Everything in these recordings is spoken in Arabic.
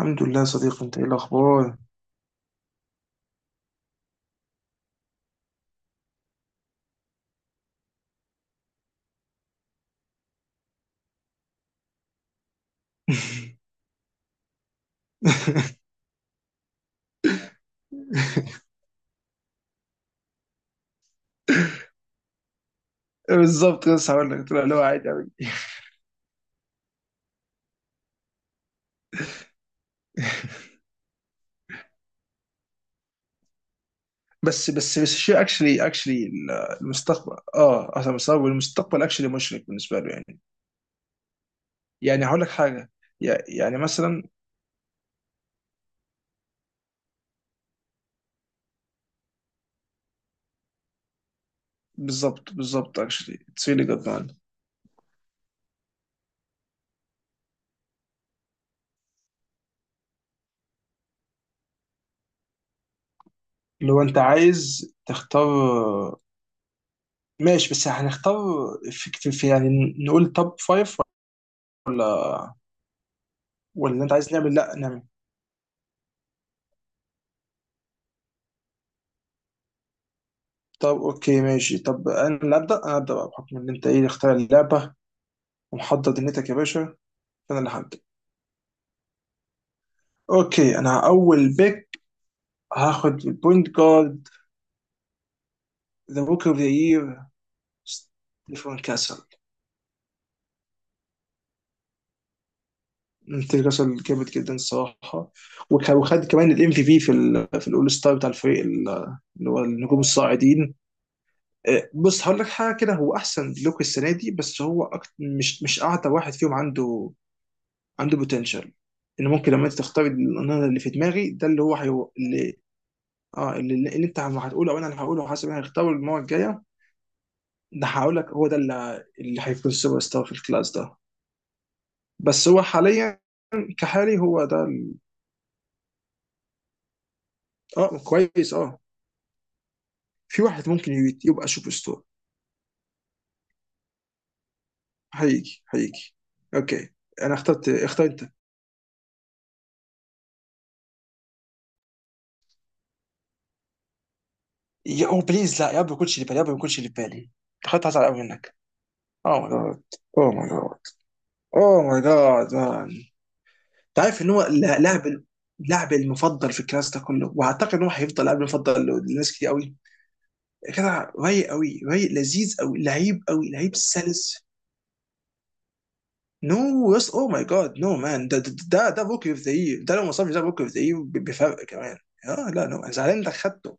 الحمد لله يا صديقي، انت ايه الاخبار؟ بالظبط، بس هقول لك طلع اللي هو عادي قوي. بس شيء اكشلي اكشلي. المستقبل اصلا المستقبل اكشلي مشرق بالنسبه له يعني. يعني هقول لك حاجه. يعني مثلا. بالظبط بالظبط اكشلي اتس ريلي جود مان. لو انت عايز تختار. ماشي بس هنختار، يعني نقول توب فايف ولا؟ ولا انت عايز نعمل؟ لا نعمل. طب اوكي ماشي، طب انا ابدا، بقى بحكم ان انت ايه اللي اختار اللعبه ومحضر دنيتك يا باشا، فانا اللي هبدا. اوكي، انا اول بيك، هاخد البوينت جارد ذا بوك اوف ذا يير ستيفن كاسل. ستيفن كاسل جامد جدا الصراحه. وخد كمان الام في في ال في الاول ستار بتاع الفريق اللي هو النجوم الصاعدين. إيه، بص هقول لك حاجه كده. هو احسن لوك السنه دي، بس هو مش اعتى واحد فيهم عنده. عنده بوتنشال ان ممكن لما انت تختار النهر اللي في دماغي ده اللي اه اللي انت هتقوله او انا اللي هقوله، حسب انا هختاره المره الجايه. ده هقول لك هو ده اللي هيكون سوبر ستار في الكلاس ده. بس هو حاليا كحالي، هو ده اه كويس اه. في واحد ممكن يبقى سوبر ستار. هيجي هيجي. اوكي انا اخترت، اختار انت. يا او بليز، لا، يا رب ما يكونش اللي بالي، يا رب ما يكونش اللي بالي. اخترت، هزعل قوي منك. اوه ماي جاد. اوه ماي جاد. اوه ماي جاد. انت عارف ان هو لاعب، اللاعب المفضل في الكلاس ده كله، واعتقد ان هو هيفضل لاعب المفضل لناس كتير قوي. كده رايق قوي، رايق لذيذ قوي، لعيب قوي، لعيب سلس. نو، يس او ماي جاد. نو مان، ده بوكي اوف ذا يير، ده لو ما صابش ده بوكي اوف ذا يير بفرق كمان. اه لا، نو، انا زعلان انك خدته.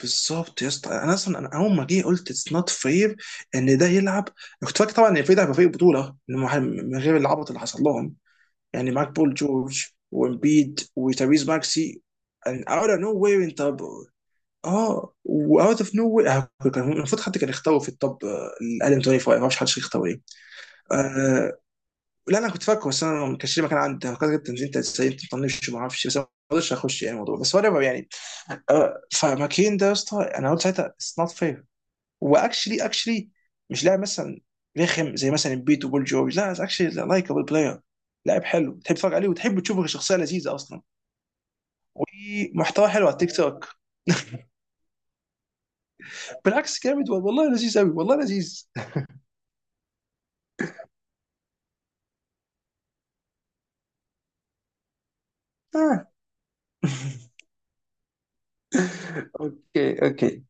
بالظبط يا اسطى. انا اصلا انا اول ما جه قلت اتس نوت فير ان ده يلعب. أنا كنت فاكر طبعا ان الفريق ده هيبقى فريق بطوله إنه من غير العبط اللي حصل لهم، يعني معاك بول جورج وامبيد وتابيز ماكسي and out of nowhere انت اه و out of nowhere آه، كان المفروض حد كان يختاروا في التوب الادم 25، ما اعرفش حد يختار ايه. آه لا، انا كنت فاكره، بس انا ما كانش لي مكان، عندي فكرت انت انت ازاي انت بتطنش ما اعرفش، بس أنا ما قدرتش اخش يعني الموضوع بس ولا يعني. آه، فماكين ده يا اسطى انا قلت ساعتها اتس نوت fair. واكشلي اكشلي مش لاعب مثلا رخم زي مثلا امبيد وبول جورج، لا اكشلي لايكابل بلاير، لاعب حلو تحب تتفرج عليه وتحب تشوفه، شخصيه لذيذه اصلا ومحتوى حلو على التيك توك. بالعكس جامد والله، لذيذ قوي والله لذيذ. آه. اوكي اوكي.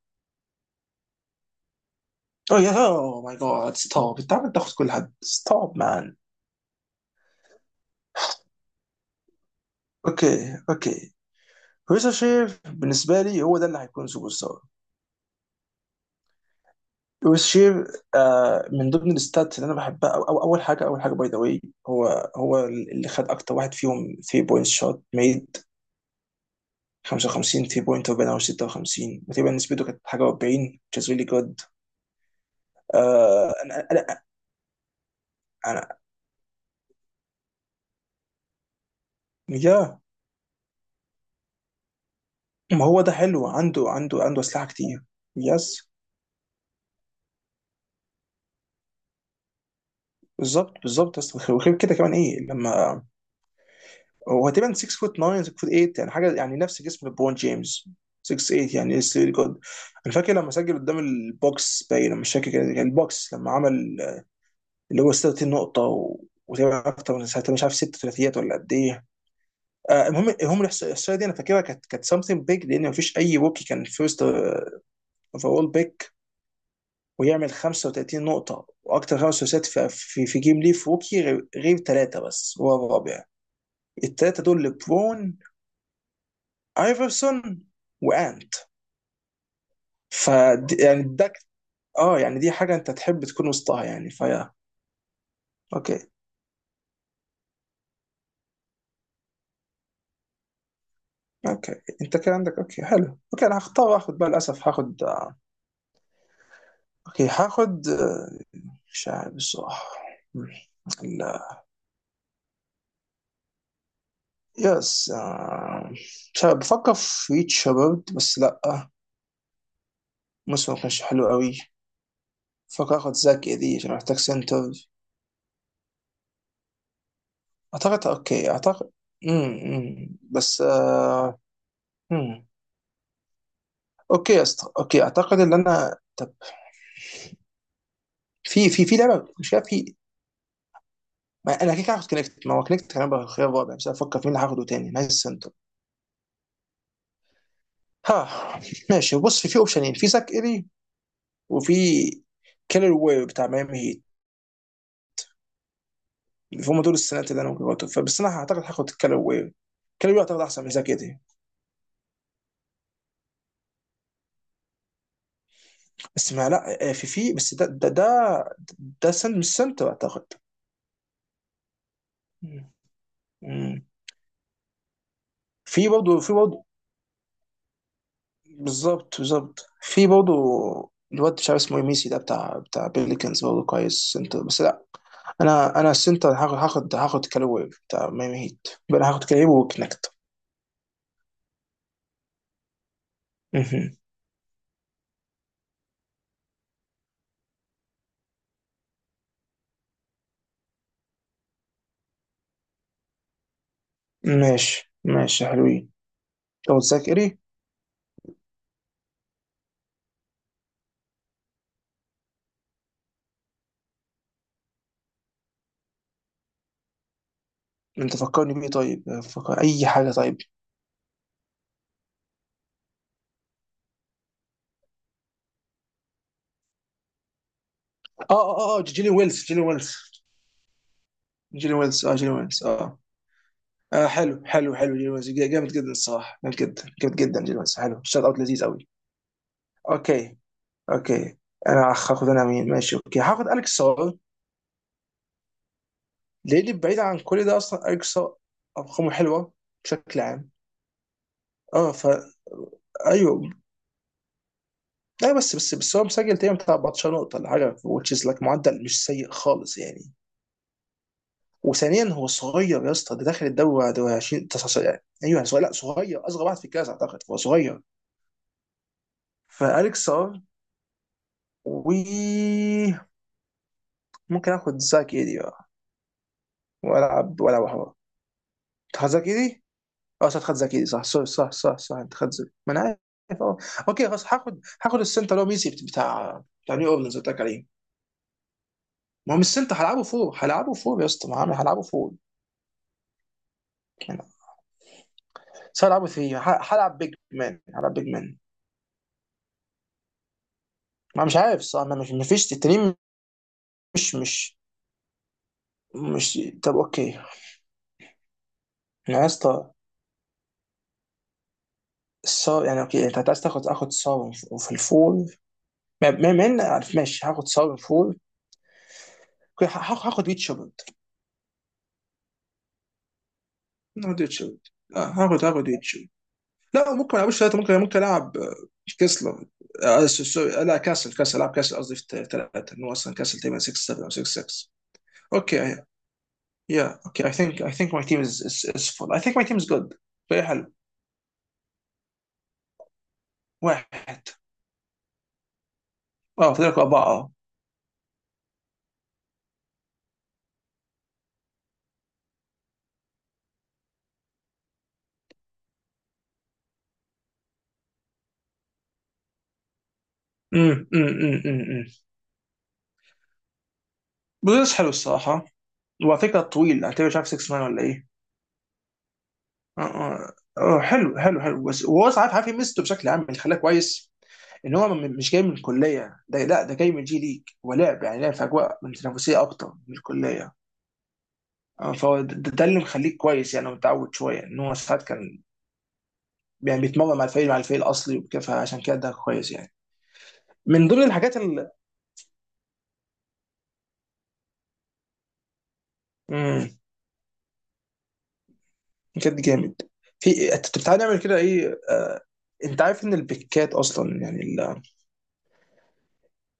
اوه يا، اوه ماي جاد ستوب، انت عمال تاخد كل حد، ستوب مان. اوكي اوكي. ريزا شير بالنسبه لي هو ده اللي هيكون سوبر ستار. وشير آه، من ضمن الستات اللي انا بحبها أو اول حاجه باي ذا واي، هو هو اللي خد اكتر واحد فيهم 3 بوينت شوت ميد، 55 3 بوينت وبين او 56، وتقريبا نسبته كانت حاجه 40 which is really good. آه انا يا. ما هو ده حلو، عنده عنده اسلحه كتير. يس. بالظبط بالظبط، بس وغير كده كمان ايه لما، هو تقريبا 6 فوت 9، 6 فوت 8، يعني حاجه يعني نفس جسم ليبرون جيمس. 6 8 يعني اتس ريلي جود. انا فاكر لما سجل قدام البوكس باين، انا مش فاكر كان البوكس لما عمل اللي هو 36 نقطه وتقريبا اكتر من ساعتها، مش عارف ست ثلاثيات ولا قد ايه. آه، المهم المهم الاحصائيه دي انا فاكرها كانت كانت سمثينج بيج، لان مفيش اي روكي كان فيرست اوفرول بيك ويعمل 35 نقطه واكتر خمس ثلاثيات في جيم ليف روكي غير ثلاثه، بس هو الرابع. الثلاثه دول لبرون، ايفرسون، وانت. ف يعني ده ك- اه يعني دي حاجه انت تحب تكون وسطها يعني فيا. اوكي اوكي. انت كده عندك، اوكي حلو، اوكي انا هختار اخد بقى، للاسف هاخد. اوكي هاخد آه، مش عارف بصراحه. مم. لا. يس آه، مش عارف، بفكر في ريتش شباب بس لا، موسم ما كانش حلو قوي. بفكر اخد زاك دي عشان محتاج سنتر. اعتقد اوكي اعتقد. أمم. بس آه، مم. اوكي يا اسطى، اوكي اعتقد ان انا، طب في لعبه مش كده في. ما انا كده كده هاخد كونكت، ما هو كونكت كان هيبقى خيار رابع، بس افكر في مين هاخده تاني نايس سنتر. ها. ماشي بص، في اوبشنين، في ساك الي، وفي كيلر وير بتاع ميامي هيت. هم دول السنات اللي انا ممكن بس انا اعتقد هاخد كيلر وير. كيلر وير اعتقد احسن من ساك الي، بس ما لا آه، في ده سن مش سنتر اعتقد. مم. في برضه. بالظبط بالظبط في برضه. الواد مش عارف اسمه إيه، ميسي ده بتاع بيليكنز برضه كويس سنتر، بس لا. انا السنتر هاخد هاخد كالوي بتاع ميامي هيت، يبقى انا هاخد كالوي وكنكت. مهم. ماشي ماشي حلوين. لو تذاكري. انت فكرني بيه طيب، فكر اي حاجه طيب. اه جيلين ويلز جيلين ويلز اه. آه حلو حلو حلو، جيلين ويلز جامد جدا الصراحه، جامد جدا جامد جدا، جيلين ويلز حلو، شوت اوت لذيذ قوي. اوكي اوكي. انا هاخد انا مين؟ ماشي اوكي هاخد اليكس سار. ليه بعيد عن كل ده اصلا اليكس سار؟ ارقامه حلوه بشكل عام. اه ف ايوه. لا بس هو مسجل تقريبا بتاع 14 نقطه ولا حاجه which is like معدل مش سيء خالص يعني. وثانيا هو صغير يا اسطى، ده داخل الدوري بعد 20 19، يعني ايوه يعني صغير، لا صغير، اصغر واحد في الكلاس اعتقد، هو صغير. فاليكس سار و ممكن اخد زاك ايدي بقى والعب. ولا هو تاخد زاك ايدي. اه صح، خد زكي صح، سوري صح صح صح، انت خد زكي، ما انا عارف اه. اوكي خلاص، هاخد السنتر اللي هو ميسي بتاع نيو اورلينز اللي قلت لك عليه. ما هو مش السنتر، هلعبه فوق هلعبه فوق يا اسطى، ما هعمل- هلعبه فوق يعني بس، هلعبه ثري، هلعب بيج مان. ما مش عارف صح، ما مش مفيش التنين. مش مش مش طب اوكي. انا يا اسطى، الصار يعني اوكي انت عايز تاخد، اخد صار في الفول. ما ما ما إن- عارف ماشي، هاخد صار في الفول. اوكي، هاخد ريتشارد. هاخد ريتشارد آه، هاخد ريتشارد. لا ممكن ما العبش ثلاثه، ممكن ممكن العب كسلر. آه، لا كاسل، كاسل العب كاسل قصدي في ثلاثه، انه اصلا كاسل تقريبا 6 7 او 6 6. اوكي. يا اوكي اي ثينك اي ثينك ماي تيم از از فول، اي ثينك ماي تيم از جود، فريق حلو. واحد، اه فاضلك اربعه اه. امم. بس حلو الصراحه. وعلى فكره طويل، اعتبر مش عارف 6 مان ولا ايه. اه اه آه، حلو حلو حلو. بس هو عارف عارف يمسته بشكل عام اللي خلاه كويس، ان هو مش جاي من الكليه، ده لا ده جاي من جي ليج، ولعب يعني لعب في اجواء من تنافسيه اكتر من الكليه. آه، فهو ده اللي مخليك كويس يعني، متعود شويه ان هو ساعات كان يعني بيتمرن مع الفريق، مع الفريق الاصلي وكده، فعشان كده ده كويس يعني. من ضمن الحاجات اللي. امم. بجد جامد. في انت بتعالى نعمل كده ايه آه، انت عارف ان البيكات اصلا يعني ال...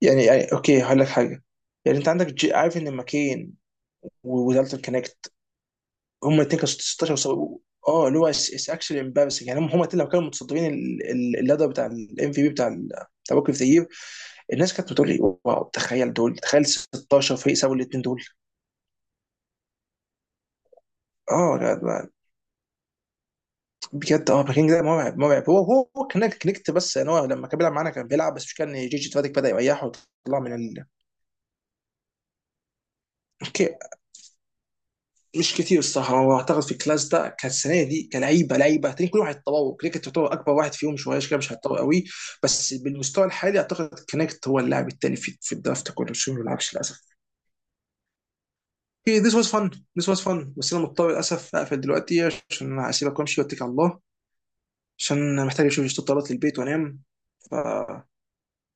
يعني اوكي هقول لك حاجه. يعني انت عندك جي... عارف ان ماكين ودالتون كونكت، هم الاثنين كانوا 16 اه اللي هو اتس اكشلي امبارسنج، يعني هم الاتنين لو كانوا متصدرين اللدر بتاع الام في بي، بتاع بتاع بوك اوف ذا يير. الناس كانت بتقول لي واو، تخيل دول، تخيل 16 فريق سابوا الاثنين دول. اه لا، لا، بجد اه. بكينج ده مرعب مرعب. هو كان كنكت، بس ان هو لما كان بيلعب معانا كان بيلعب، بس مش كان جيجي تفاتك بدا يريحه وطلع من ال... اوكي. مش كتير الصراحه، هو اعتقد في الكلاس ده كانت السنه دي كلعيبه لعيبه تاني، كل واحد تطور. كريكت تعتبر اكبر واحد فيهم شويه كده مش هيتطور قوي. بس بالمستوى الحالي اعتقد كونكت هو اللاعب التاني في الدرافت كله، بس هو ما بيلعبش للاسف. اوكي، ذس واز فن. ذس واز فن، بس انا مضطر للاسف اقفل دلوقتي، عشان اسيبك وامشي واتكل على الله، عشان محتاج اشوف شويه طلبات للبيت وانام. ف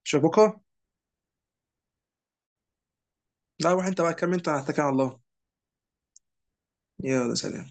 شوف بكره. لا روح انت بقى كمل، انت انا هتكل على الله. يلا سلام.